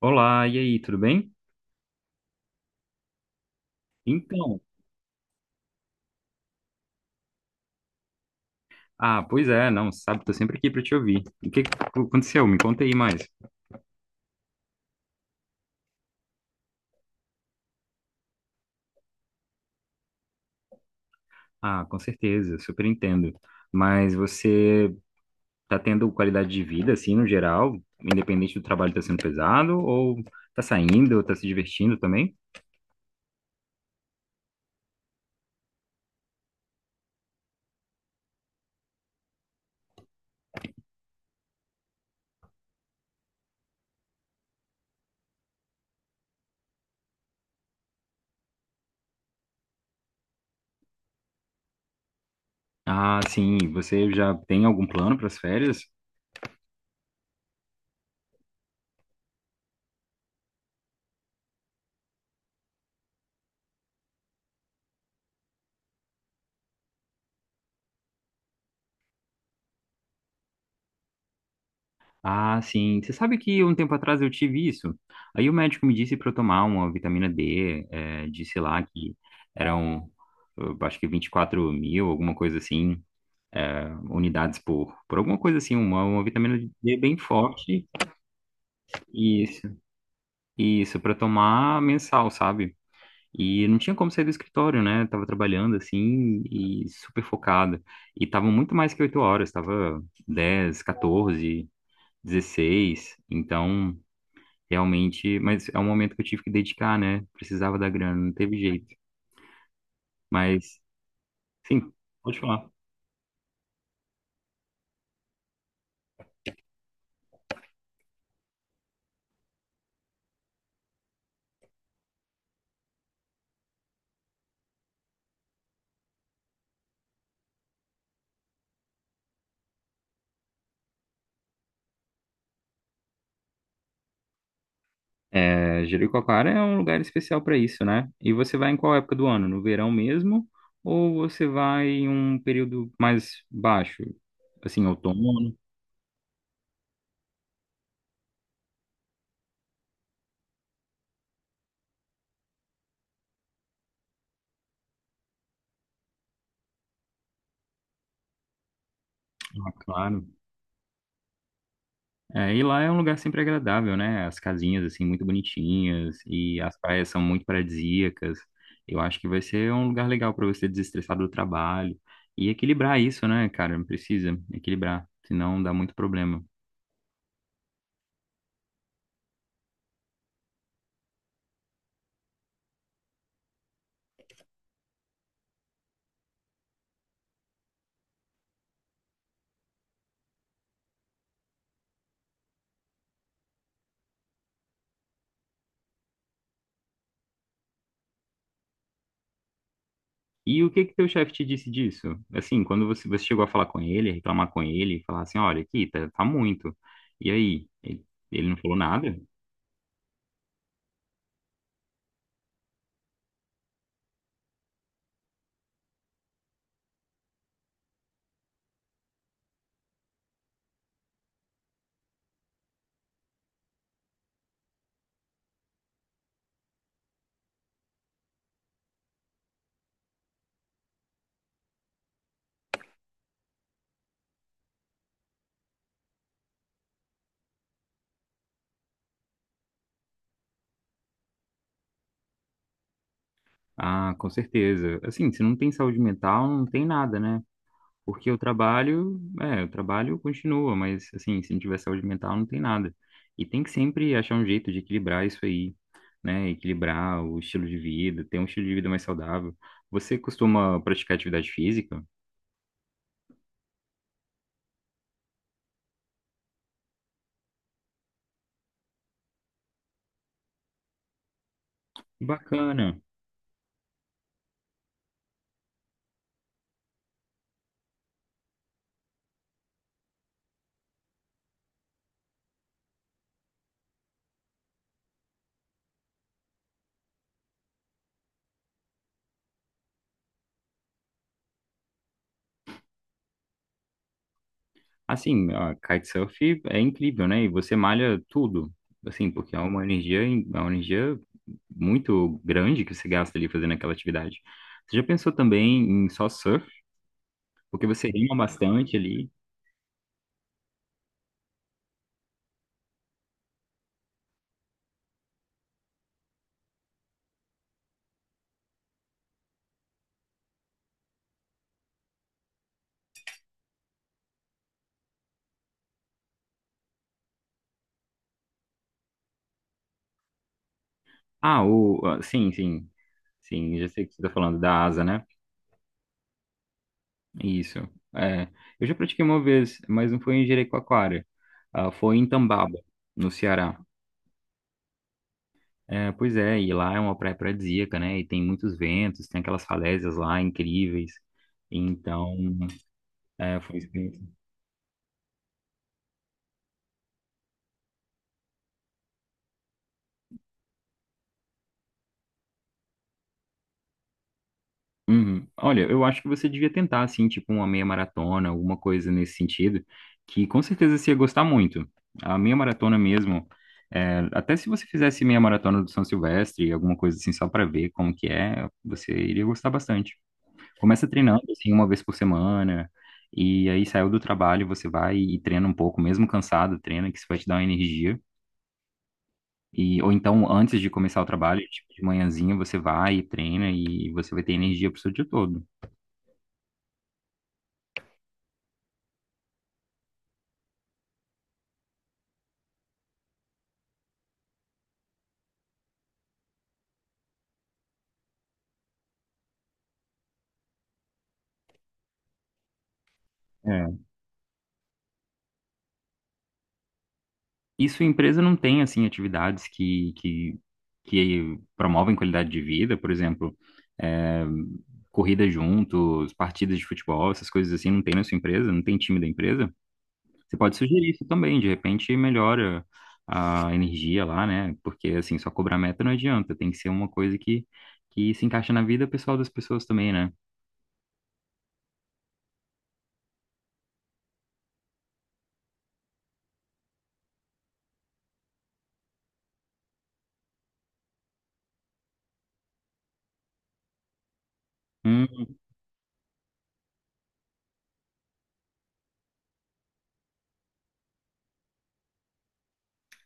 Olá, e aí, tudo bem? Então, ah, pois é, não, sabe, tô sempre aqui para te ouvir. O que que aconteceu? Me conta aí mais. Ah, com certeza, super entendo. Mas você tá tendo qualidade de vida, assim, no geral, independente do trabalho tá sendo pesado, ou tá saindo, ou tá se divertindo também? Ah, sim, você já tem algum plano para as férias? Ah, sim. Você sabe que um tempo atrás eu tive isso. Aí o médico me disse para eu tomar uma vitamina D, disse lá que eram, eu acho que 24.000, alguma coisa assim, unidades por alguma coisa assim, uma vitamina D bem forte. Isso, isso, para tomar mensal, sabe? E não tinha como sair do escritório, né? Tava trabalhando assim e super focado. E tava muito mais que 8 horas, tava 10, 14, 16. Então, realmente, mas é um momento que eu tive que dedicar, né? Precisava da grana, não teve jeito. Mas, sim, pode falar. É, Jericoacoara é um lugar especial para isso, né? E você vai em qual época do ano? No verão mesmo? Ou você vai em um período mais baixo? Assim, outono? Ah, claro. É, e lá é um lugar sempre agradável, né? As casinhas, assim, muito bonitinhas e as praias são muito paradisíacas. Eu acho que vai ser um lugar legal para você desestressar do trabalho e equilibrar isso, né, cara? Precisa equilibrar, senão dá muito problema. E o que que teu chefe te disse disso? Assim, quando você chegou a falar com ele, a reclamar com ele, falar assim, olha, aqui tá, tá muito. E aí? Ele não falou nada? Ah, com certeza. Assim, se não tem saúde mental, não tem nada, né? Porque o trabalho, é, o trabalho continua, mas assim, se não tiver saúde mental, não tem nada. E tem que sempre achar um jeito de equilibrar isso aí, né? Equilibrar o estilo de vida, ter um estilo de vida mais saudável. Você costuma praticar atividade física? Bacana. Assim, a kitesurf é incrível, né? E você malha tudo, assim, porque é uma energia muito grande que você gasta ali fazendo aquela atividade. Você já pensou também em só surf? Porque você rima bastante ali. Ah, sim, já sei o que você está falando, da asa, né? Isso. É, eu já pratiquei uma vez, mas não foi em Jericoacoara, ah, foi em Tambaba, no Ceará. É, pois é, e lá é uma praia paradisíaca, né? E tem muitos ventos, tem aquelas falésias lá incríveis. Então, é, foi. Uhum. Olha, eu acho que você devia tentar, assim, tipo uma meia maratona, alguma coisa nesse sentido, que com certeza você ia gostar muito. A meia maratona mesmo, é, até se você fizesse meia maratona do São Silvestre, alguma coisa assim, só para ver como que é, você iria gostar bastante. Começa treinando, assim, uma vez por semana, e aí saiu do trabalho, você vai e treina um pouco, mesmo cansado, treina, que isso vai te dar uma energia. E, ou então, antes de começar o trabalho, tipo, de manhãzinha, você vai e treina e você vai ter energia pro seu dia todo. E sua empresa não tem, assim, atividades que promovem qualidade de vida, por exemplo, é, corrida juntos, partidas de futebol, essas coisas assim, não tem na sua empresa, não tem time da empresa? Você pode sugerir isso também, de repente melhora a energia lá, né? Porque, assim, só cobrar meta não adianta, tem que ser uma coisa que se encaixa na vida pessoal das pessoas também, né? Hum,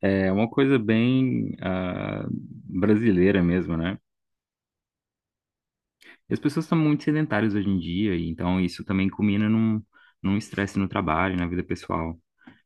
é uma coisa bem ah, brasileira mesmo, né? E as pessoas estão muito sedentárias hoje em dia, e então isso também culmina num estresse no trabalho, na vida pessoal.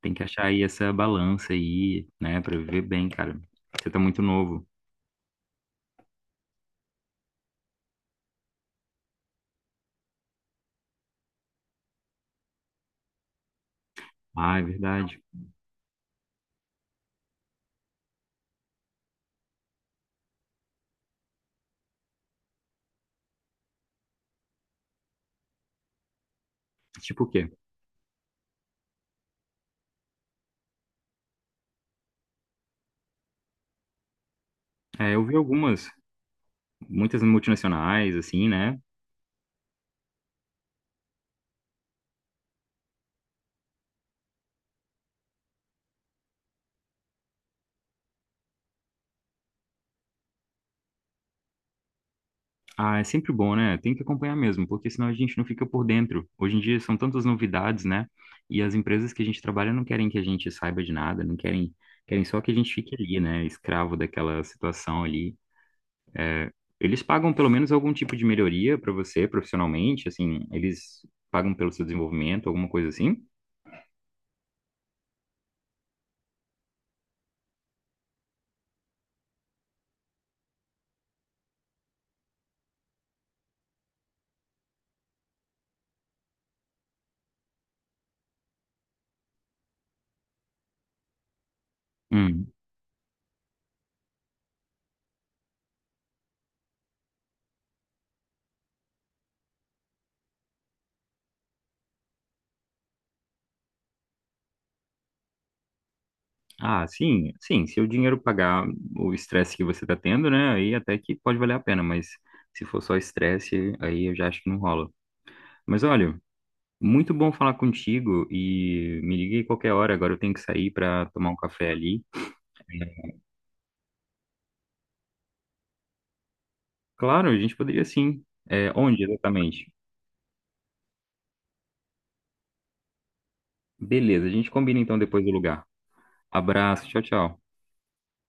Tem que achar aí essa balança aí, né, pra viver bem, cara. Você tá muito novo. Ah, é verdade. Tipo o quê? É, eu vi algumas, muitas multinacionais, assim, né? Ah, é sempre bom, né? Tem que acompanhar mesmo, porque senão a gente não fica por dentro. Hoje em dia são tantas novidades, né? E as empresas que a gente trabalha não querem que a gente saiba de nada, não querem, querem só que a gente fique ali, né? Escravo daquela situação ali. Eles pagam pelo menos algum tipo de melhoria para você profissionalmente, assim, eles pagam pelo seu desenvolvimento, alguma coisa assim? Hum. Ah, sim, sim, se o dinheiro pagar o estresse que você tá tendo, né, aí até que pode valer a pena, mas se for só estresse, aí eu já acho que não rola. Mas olha, muito bom falar contigo e me liga aí qualquer hora, agora eu tenho que sair para tomar um café ali. É, claro, a gente poderia sim. É, onde exatamente? Beleza, a gente combina então depois do lugar. Abraço, tchau, tchau.